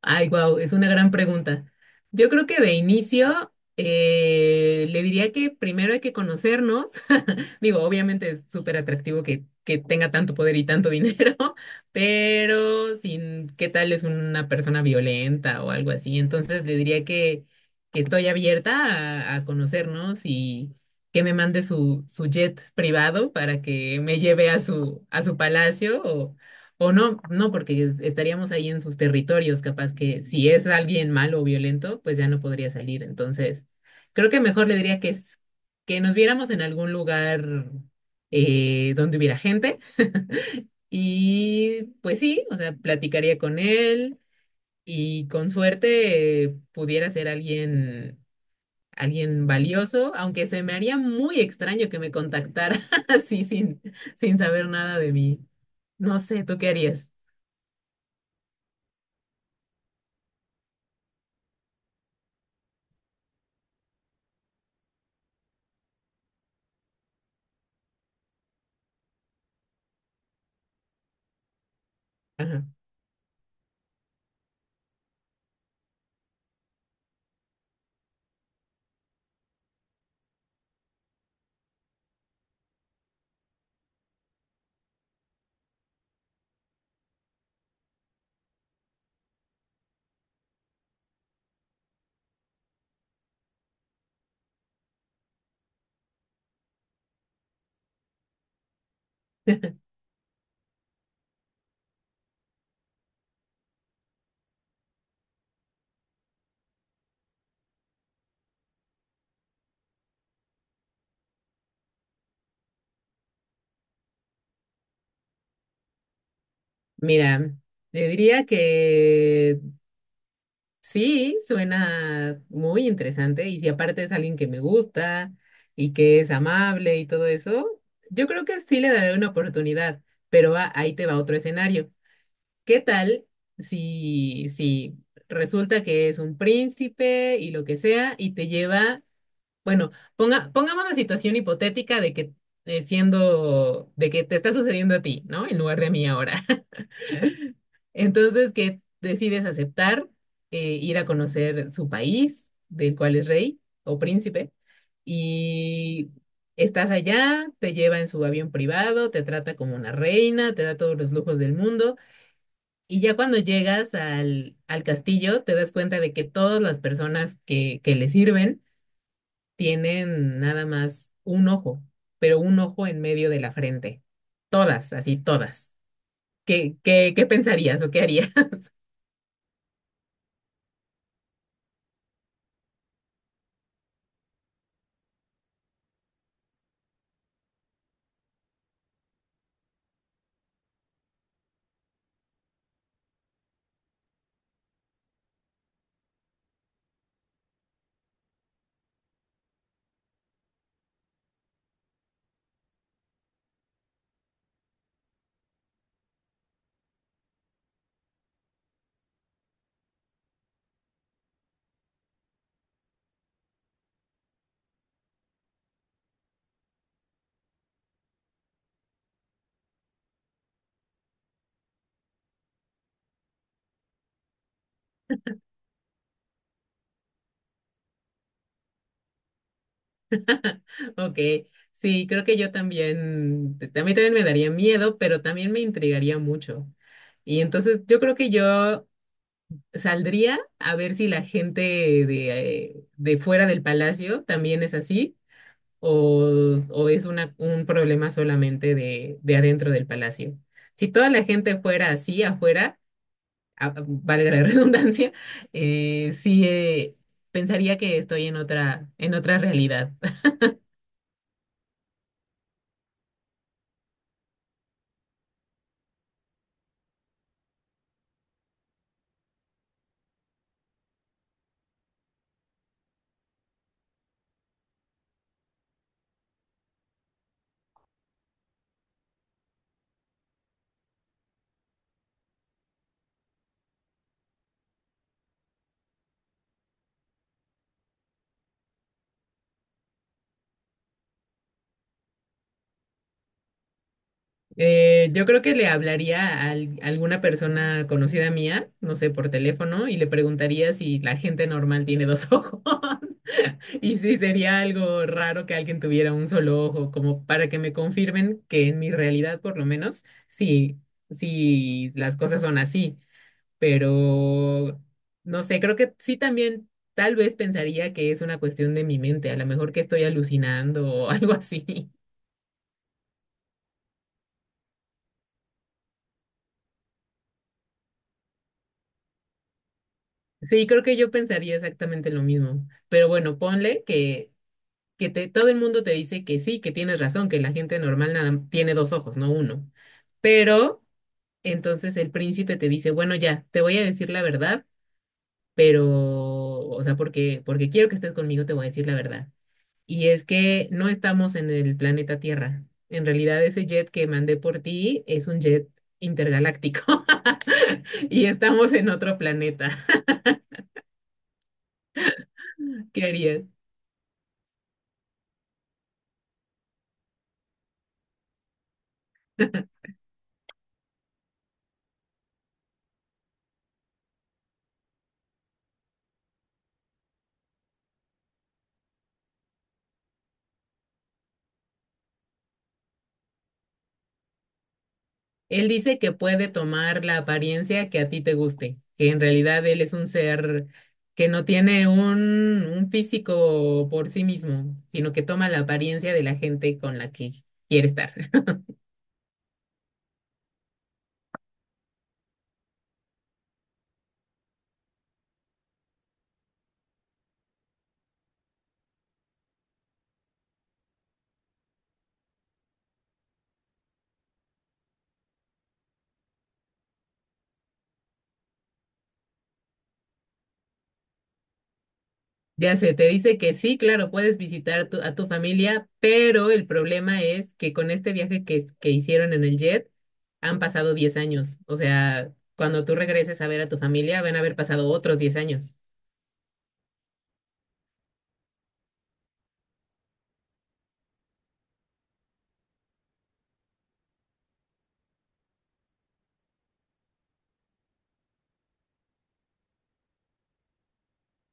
Ay, wow, es una gran pregunta. Yo creo que de inicio le diría que primero hay que conocernos. Digo, obviamente es súper atractivo que tenga tanto poder y tanto dinero, pero sin qué tal es una persona violenta o algo así. Entonces que estoy abierta a conocernos y que me mande su jet privado para que me lleve a su palacio o no, no, porque estaríamos ahí en sus territorios, capaz que si es alguien malo o violento, pues ya no podría salir. Entonces, creo que mejor le diría que, es- que nos viéramos en algún lugar donde hubiera gente. Y pues sí, o sea, platicaría con él y con suerte pudiera ser alguien valioso, aunque se me haría muy extraño que me contactara así sin saber nada de mí. No sé, ¿tú qué harías? Ajá. Mira, te diría que sí, suena muy interesante y si aparte es alguien que me gusta y que es amable y todo eso, yo creo que sí le daré una oportunidad, pero ahí te va otro escenario. ¿Qué tal si resulta que es un príncipe y lo que sea y te lleva, bueno, pongamos la situación hipotética de que de que te está sucediendo a ti, ¿no? En lugar de a mí ahora. Entonces, que decides aceptar ir a conocer su país, del cual es rey o príncipe, y estás allá, te lleva en su avión privado, te trata como una reina, te da todos los lujos del mundo, y ya cuando llegas al castillo, te das cuenta de que todas las personas que le sirven tienen nada más un ojo, pero un ojo en medio de la frente. Todas, así todas. ¿Qué pensarías o qué harías? Ok, sí, creo que yo también, a mí también me daría miedo, pero también me intrigaría mucho. Y entonces yo creo que yo saldría a ver si la gente de fuera del palacio también es así o es un problema solamente de adentro del palacio. Si toda la gente fuera así afuera, a- valga la redundancia, sí, pensaría que estoy en en otra realidad. Yo creo que le hablaría a alguna persona conocida mía, no sé, por teléfono, y le preguntaría si la gente normal tiene dos ojos. Y si sería algo raro que alguien tuviera un solo ojo, como para que me confirmen que en mi realidad, por lo menos, sí, sí, las cosas son así. Pero, no sé, creo que sí también, tal vez pensaría que es una cuestión de mi mente, a lo mejor que estoy alucinando o algo así. Sí, creo que yo pensaría exactamente lo mismo. Pero bueno, ponle que todo el mundo te dice que sí, que tienes razón, que la gente normal nada, tiene dos ojos, no uno. Pero entonces el príncipe te dice, bueno, ya, te voy a decir la verdad, pero, o sea, porque quiero que estés conmigo, te voy a decir la verdad. Y es que no estamos en el planeta Tierra. En realidad, ese jet que mandé por ti es un jet intergaláctico y estamos en otro planeta. ¿Qué harías? Él dice que puede tomar la apariencia que a ti te guste, que en realidad él es un ser que no tiene un físico por sí mismo, sino que toma la apariencia de la gente con la que quiere estar. Ya sé, te dice que sí, claro, puedes visitar a tu familia, pero el problema es que con este viaje que hicieron en el jet han pasado 10 años. O sea, cuando tú regreses a ver a tu familia, van a haber pasado otros 10 años.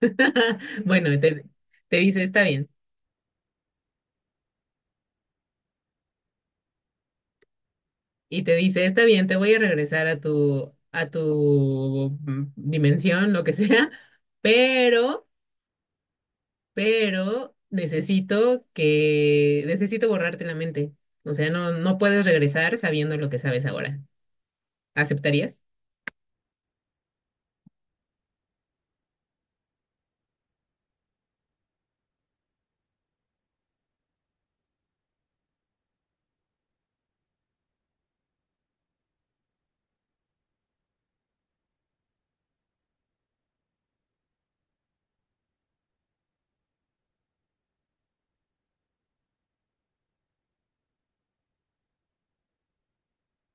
Bueno, te dice, está bien. Y te dice, está bien, te voy a regresar a tu dimensión, lo que sea, pero, necesito que necesito borrarte la mente. O sea, no, no puedes regresar sabiendo lo que sabes ahora. ¿Aceptarías?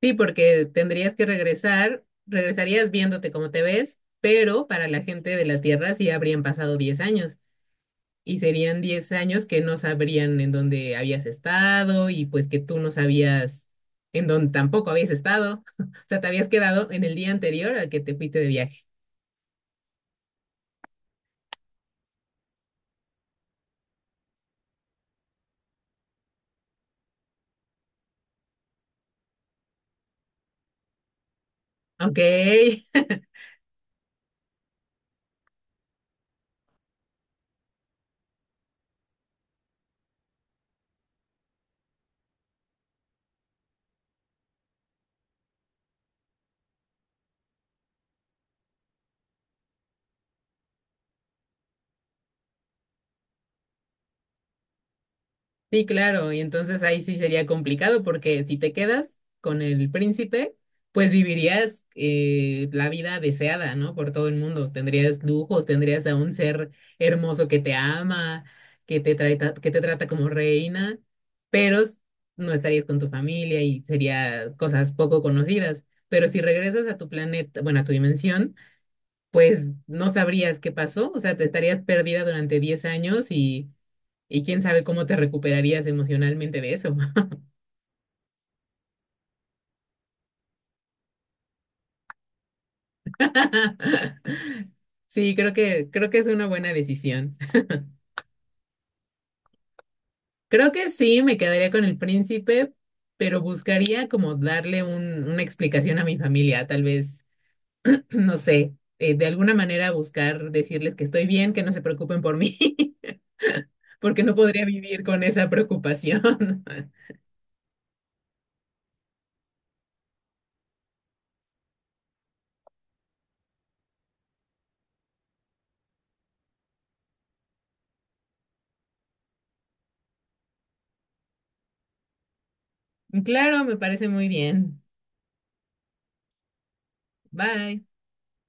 Sí, porque tendrías que regresarías viéndote como te ves, pero para la gente de la Tierra sí habrían pasado 10 años. Y serían 10 años que no sabrían en dónde habías estado y pues que tú no sabías en dónde tampoco habías estado. O sea, te habías quedado en el día anterior al que te fuiste de viaje. Ok. Sí, claro, y entonces ahí sí sería complicado porque si te quedas con el príncipe, pues vivirías la vida deseada, ¿no? Por todo el mundo. Tendrías lujos, tendrías a un ser hermoso que te ama, que te trata como reina, pero no estarías con tu familia y sería cosas poco conocidas. Pero si regresas a tu planeta, bueno, a tu dimensión, pues no sabrías qué pasó, o sea, te estarías perdida durante 10 años y quién sabe cómo te recuperarías emocionalmente de eso. Sí, creo que es una buena decisión. Creo que sí, me quedaría con el príncipe, pero buscaría como darle una explicación a mi familia, tal vez, no sé, de alguna manera buscar decirles que estoy bien, que no se preocupen por mí, porque no podría vivir con esa preocupación. Claro, me parece muy bien. Bye.